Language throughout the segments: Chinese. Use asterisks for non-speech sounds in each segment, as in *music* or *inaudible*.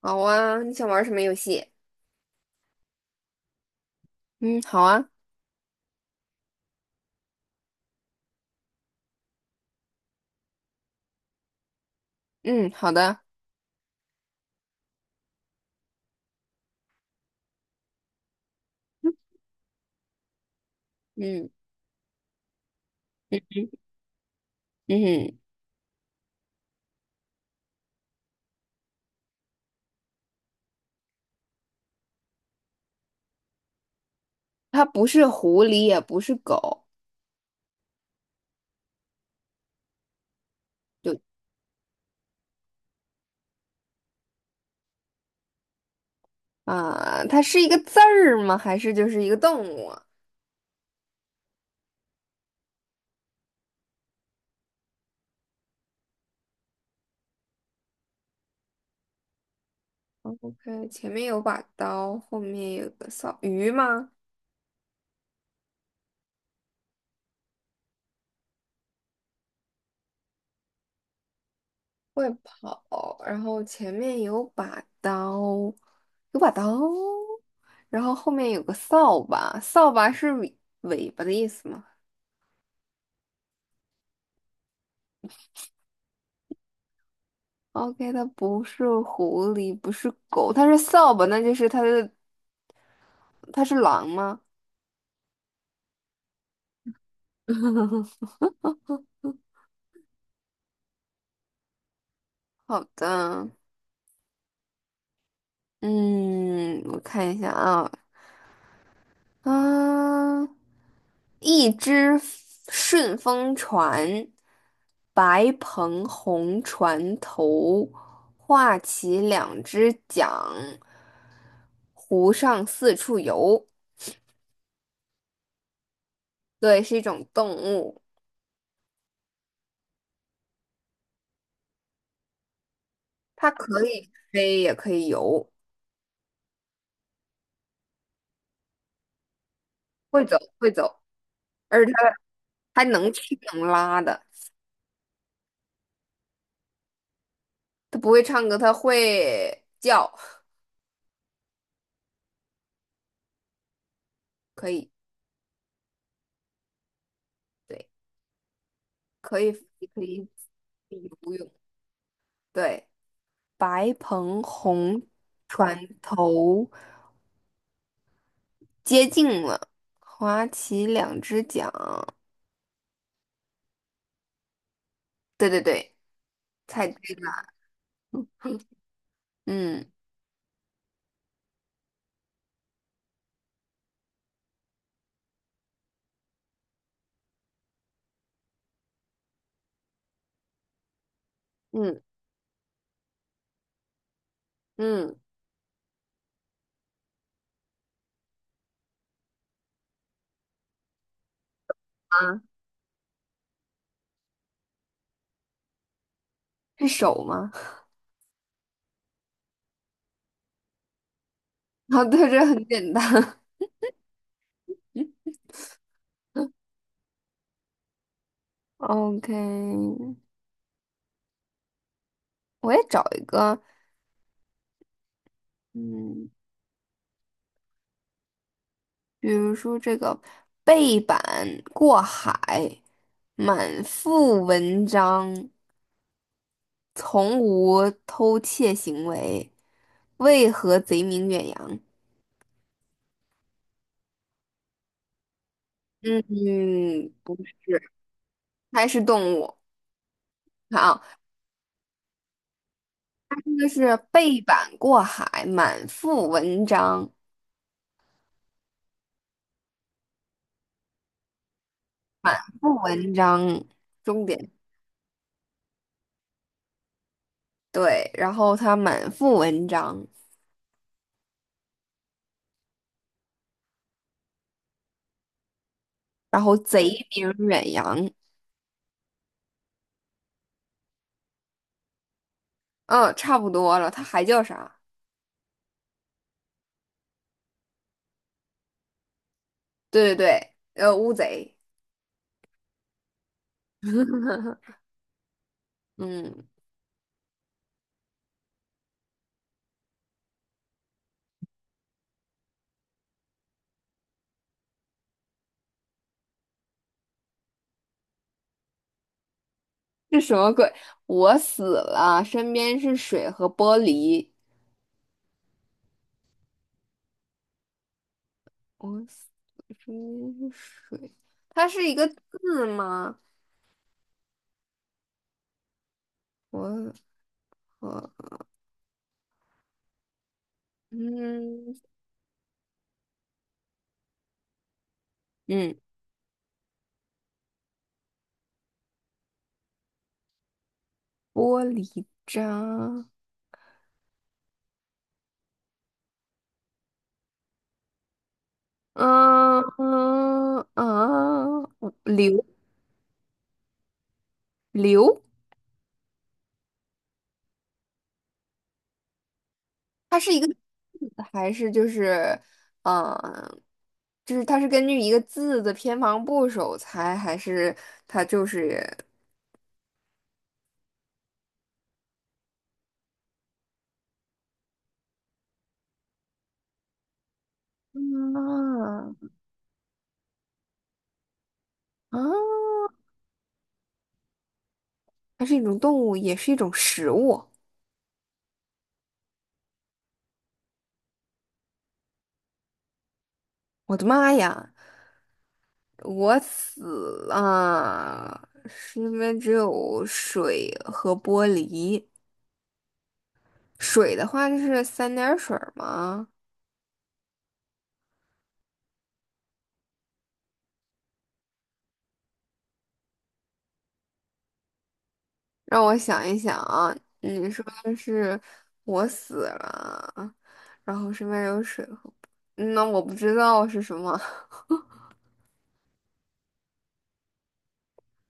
好啊，你想玩什么游戏？嗯，好啊。嗯，好的。嗯嗯，它不是狐狸，也不是狗。就它是一个字儿吗？还是就是一个动物啊？OK，前面有把刀，后面有个扫鱼吗？会跑，然后前面有把刀，有把刀，然后后面有个扫把，扫把是尾巴的意思吗？OK，它不是狐狸，不是狗，它是扫把，那就是它的，它是狼吗？*laughs* 好的。嗯，我看一下啊。啊，一只顺风船，白篷红船头，画起两只桨，湖上四处游。对，是一种动物。它可以飞，也可以游。会走，会走。而且他还能吃能拉的。他不会唱歌，他会叫。可以。对，可以，可以游泳。对。白鹏红船头接近了，划起两只桨。对对对，猜对了。嗯嗯嗯。啊，是手吗？*laughs* 啊，对，这很简单。*laughs* OK，我也找一个。嗯，比如说这个背板过海，满腹文章，从无偷窃行为，为何贼名远扬？嗯，嗯，不是，还是动物。好，这个是背板过海，满腹文章，腹文章，重点对，然后他满腹文章，然后贼名远扬。嗯，差不多了，他还叫啥？对对对，乌贼。嗯，这什么鬼？我死了，身边是水和玻璃。我死了，身边是水。它是一个字吗？我和嗯嗯，玻璃渣。嗯嗯嗯，流流，它是一个字还是就是嗯，就是它是根据一个字的偏旁部首猜，还是它就是？嗯，啊，它是一种动物，也是一种食物。我的妈呀，我死了！身边只有水和玻璃。水的话就是三点水儿吗？让我想一想啊。你说是我死了，然后身边有水和……嗯那我不知道是什么。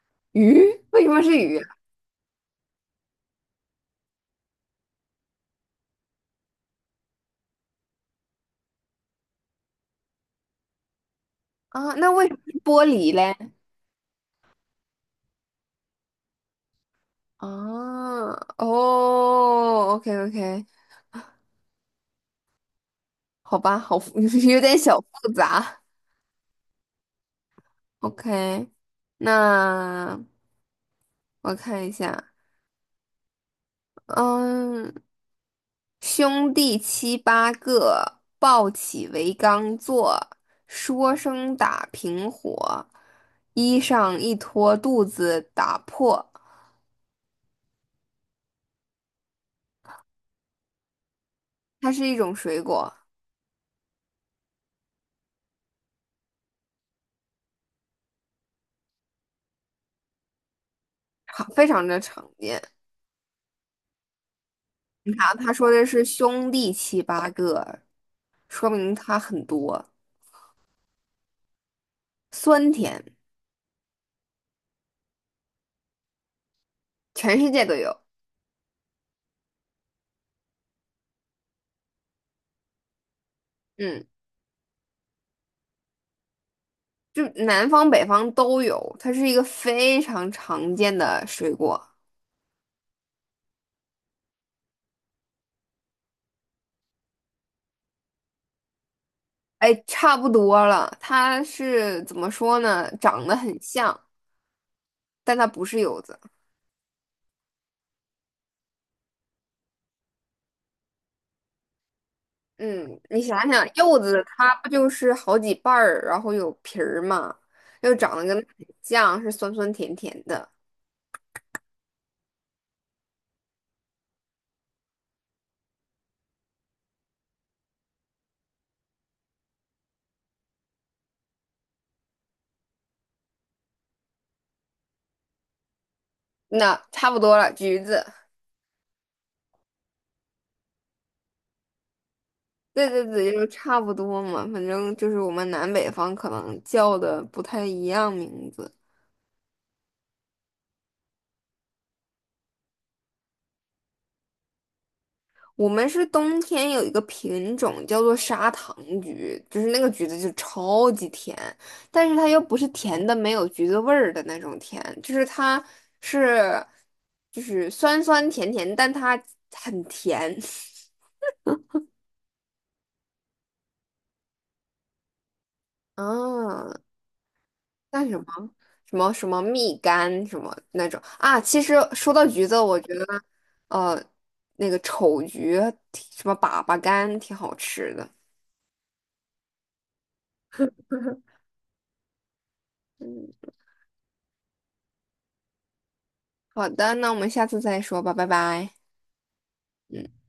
*laughs* 鱼，为什么是鱼啊？啊那为什么是玻璃嘞？啊，哦，OK OK。好吧，好复 *laughs* 有点小复杂。OK，那我看一下。嗯，兄弟七八个，抱起为缸坐，说声打平伙，衣裳一脱肚子打破。它是一种水果，常非常的常见。你看啊，他说的是兄弟七八个，说明它很多。酸甜，全世界都有。嗯。就南方北方都有，它是一个非常常见的水果。哎，差不多了，它是怎么说呢？长得很像，但它不是柚子。嗯，你想想，柚子它不就是好几瓣儿，然后有皮儿嘛，又长得跟很像，是酸酸甜甜的。那差不多了，橘子。对对对，就是差不多嘛，反正就是我们南北方可能叫的不太一样名字。我们是冬天有一个品种叫做砂糖橘，就是那个橘子就超级甜，但是它又不是甜的没有橘子味儿的那种甜，就是它是就是酸酸甜甜，但它很甜。*laughs* 啊，那什么什么蜜柑什么那种啊。其实说到橘子，我觉得呃那个丑橘挺什么粑粑柑挺好吃的。*laughs* 嗯，好的，那我们下次再说吧，拜拜。也